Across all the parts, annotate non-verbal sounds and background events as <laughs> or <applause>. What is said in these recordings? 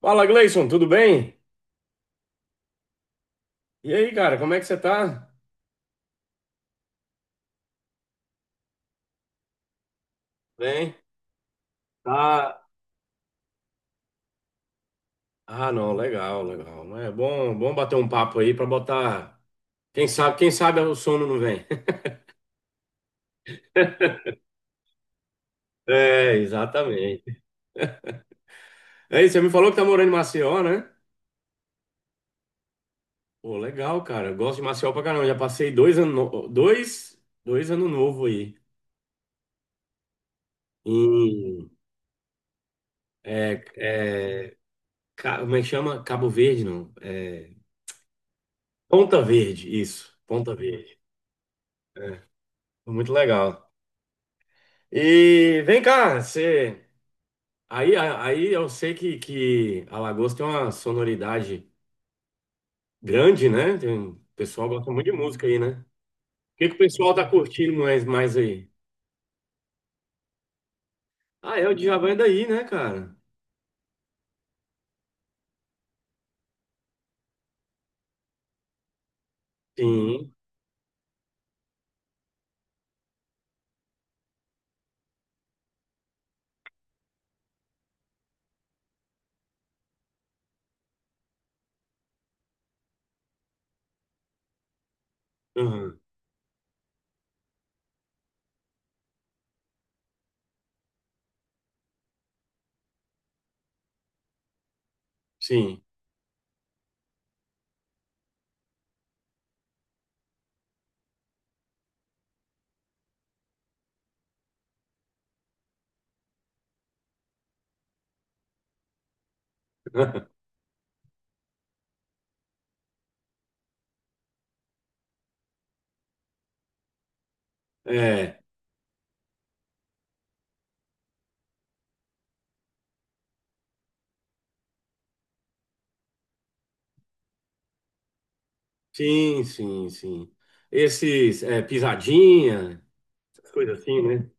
Fala, Gleison, tudo bem? E aí, cara, como é que você tá? Bem? Tá. Ah, não, legal, legal. Mas é bom, bom bater um papo aí pra botar. Quem sabe o sono não vem. <laughs> É, exatamente. Aí, você me falou que tá morando em Maceió, né? Pô, legal, cara. Eu gosto de Maceió pra caramba. Já passei dois anos, dois, dois anos novo aí. Em, é, é, como é que chama? Cabo Verde, não. É, Ponta Verde, isso. Ponta Verde. Foi muito legal. E vem cá, você. Aí, aí eu sei que Alagoas tem uma sonoridade grande, né? O pessoal gosta muito de música aí, né? O que o pessoal tá curtindo mais, mais aí? Ah, é o Djavan é daí, né, cara? Sim. Aham. Sim. <laughs> É. Sim, sim, sim. Esses é, pisadinha, coisa assim, né?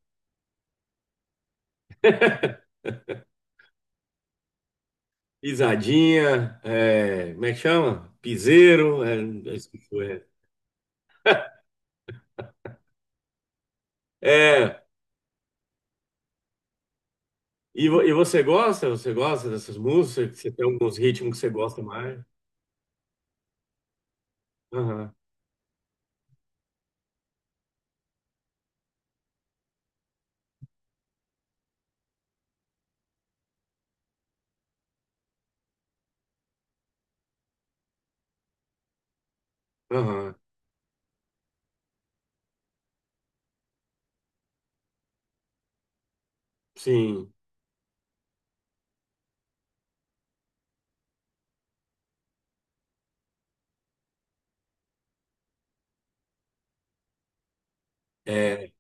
Pisadinha, é, como é que chama? Piseiro, é, é, isso que foi, é. É, e, e você gosta? Você gosta dessas músicas? Você tem alguns ritmos que você gosta mais? Aham, aham, sim. É,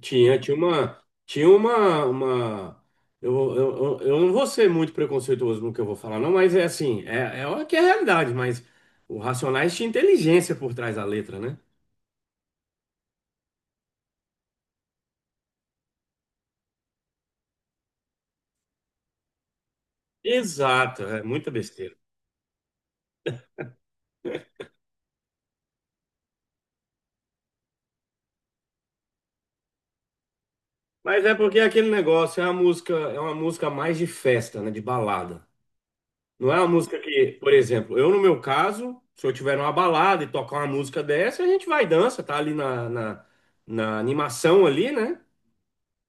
tinha, tinha uma eu não vou ser muito preconceituoso no que eu vou falar, não, mas é assim, é, é o que é a realidade, mas o Racionais tinha inteligência por trás da letra, né? Exato, é muita besteira. Mas é porque é aquele negócio, é uma música mais de festa, né, de balada. Não é uma música que, por exemplo, eu no meu caso, se eu tiver numa balada e tocar uma música dessa, a gente vai e dança, tá ali na, na, na animação ali, né?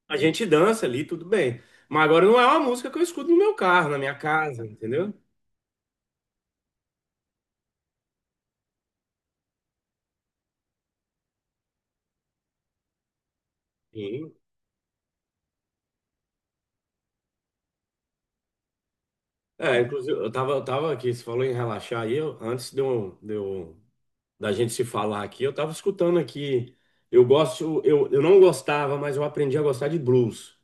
A gente dança ali, tudo bem. Mas agora não é uma música que eu escuto no meu carro, na minha casa, entendeu? Sim. É, inclusive, eu tava aqui, você falou em relaxar aí, antes da gente se falar aqui, eu tava escutando aqui, eu gosto, eu não gostava, mas eu aprendi a gostar de blues.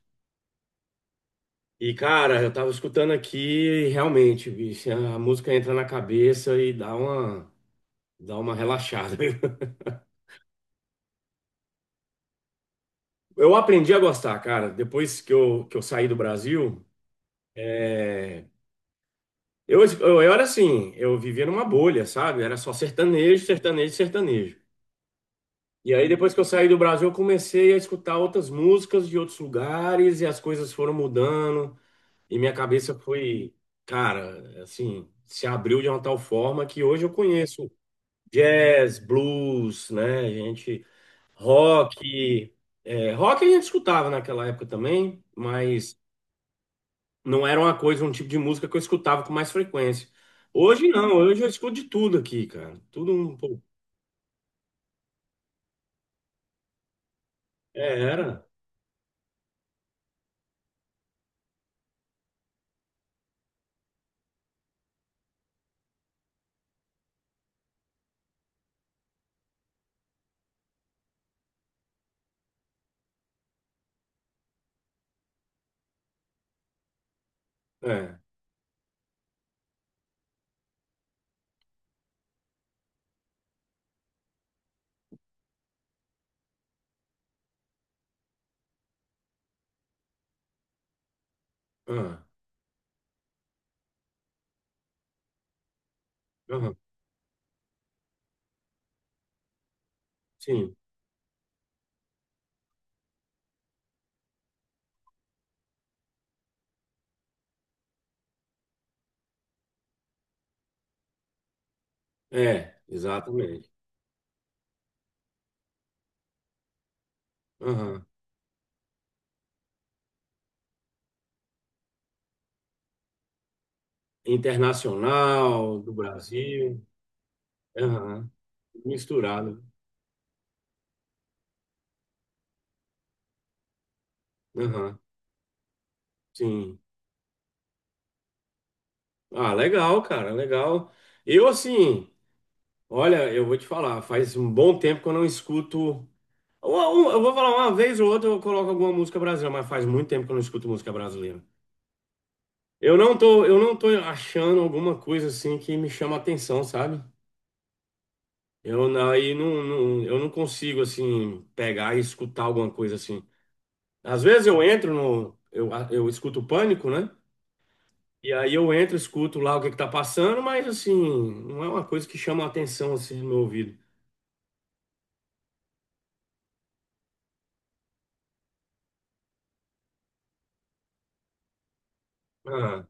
E, cara, eu tava escutando aqui e realmente, bicho, a música entra na cabeça e dá uma relaxada. <laughs> Eu aprendi a gostar, cara, depois que eu saí do Brasil. É, eu era assim, eu vivia numa bolha, sabe? Era só sertanejo, sertanejo, sertanejo. E aí, depois que eu saí do Brasil, eu comecei a escutar outras músicas de outros lugares e as coisas foram mudando. E minha cabeça foi, cara, assim, se abriu de uma tal forma que hoje eu conheço. Jazz, blues, né? A gente rock, é, rock a gente escutava naquela época também, mas não era uma coisa, um tipo de música que eu escutava com mais frequência. Hoje não, hoje eu escuto de tudo aqui, cara. Tudo um pouco. É, era. É. Ah, aham, sim. É, exatamente. Aham. Internacional, do Brasil. Aham. Misturado. Aham. Sim. Ah, legal, cara, legal. Eu assim, olha, eu vou te falar, faz um bom tempo que eu não escuto. Uma- Eu vou falar, uma vez ou outra eu coloco alguma música brasileira, mas faz muito tempo que eu não escuto música brasileira. Eu não tô achando alguma coisa assim que me chama atenção, sabe? Eu não- aí não, não- eu não consigo assim pegar e escutar alguma coisa assim. Às vezes eu entro no, eu escuto o Pânico, né? E aí eu entro, escuto lá o que que tá passando, mas assim, não é uma coisa que chama atenção assim no meu ouvido. Ah,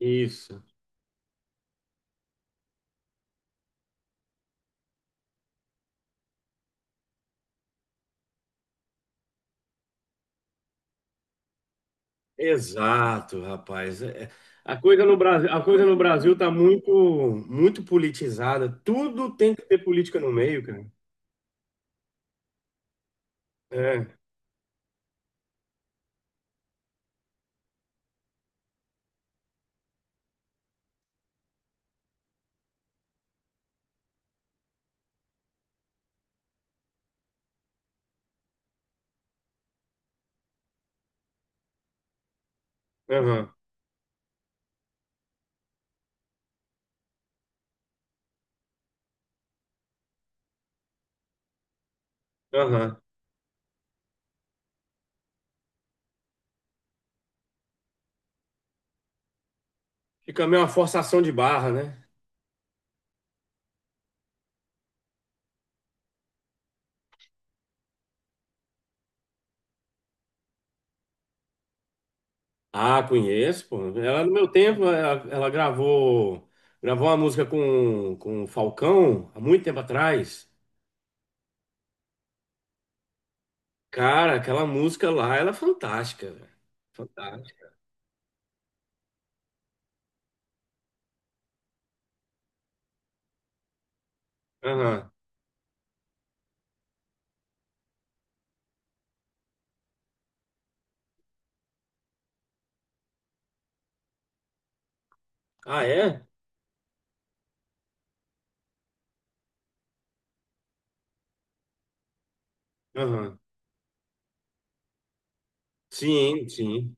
isso. Exato, rapaz. É- A coisa no Brasil, a coisa no Brasil tá muito, muito politizada. Tudo tem que ter política no meio, cara. É, aham, aham. Fica meio uma forçação de barra, né? Ah, conheço, pô. No meu tempo, ela gravou, gravou uma música com o Falcão, há muito tempo atrás. Cara, aquela música lá, ela é fantástica, velho. Fantástica. Aham. Ah, é? Aham. Sim, sim.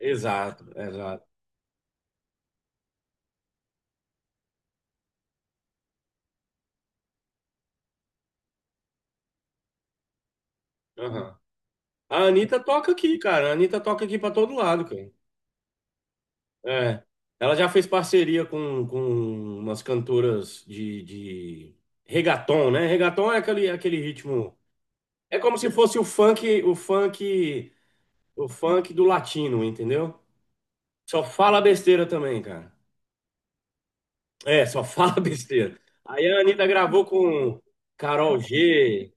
Exato, exato. Aham. A Anitta toca aqui, cara. A Anitta toca aqui pra todo lado, cara. É. Ela já fez parceria com umas cantoras de reggaeton, né? Reggaeton é aquele, aquele ritmo. É como se fosse o funk, o funk, o funk do latino, entendeu? Só fala besteira também, cara. É, só fala <laughs> besteira. Aí a Anitta gravou com Carol G.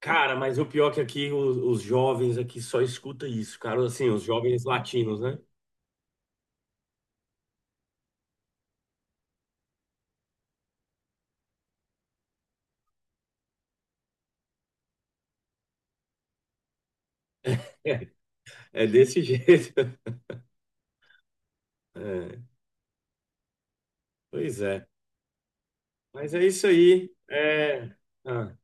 Cara, mas o pior é que aqui os jovens aqui só escuta isso, cara. Assim, os jovens latinos, né? <laughs> É desse <laughs> jeito. É, pois é. Mas é isso aí. É... Ah,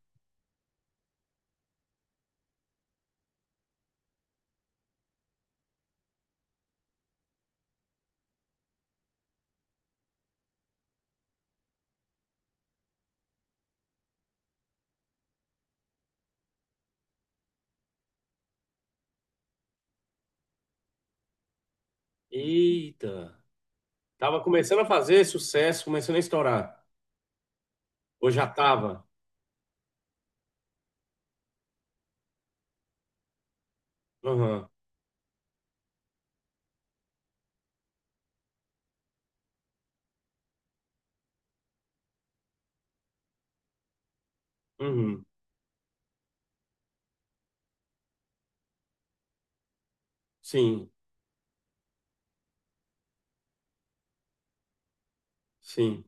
eita. Tava começando a fazer sucesso, começando a estourar. Ou já tava? Aham. Uhum. Sim, sim.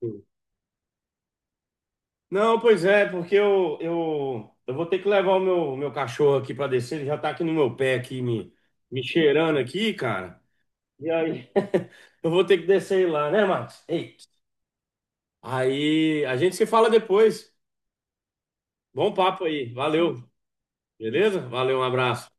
Sim. Não, pois é, porque eu vou ter que levar o meu, meu cachorro aqui pra descer. Ele já tá aqui no meu pé, aqui, me cheirando aqui, cara. E aí, <laughs> eu vou ter que descer lá, né, Marcos? Ei. Aí, a gente se fala depois. Bom papo aí. Valeu. Beleza? Valeu, um abraço.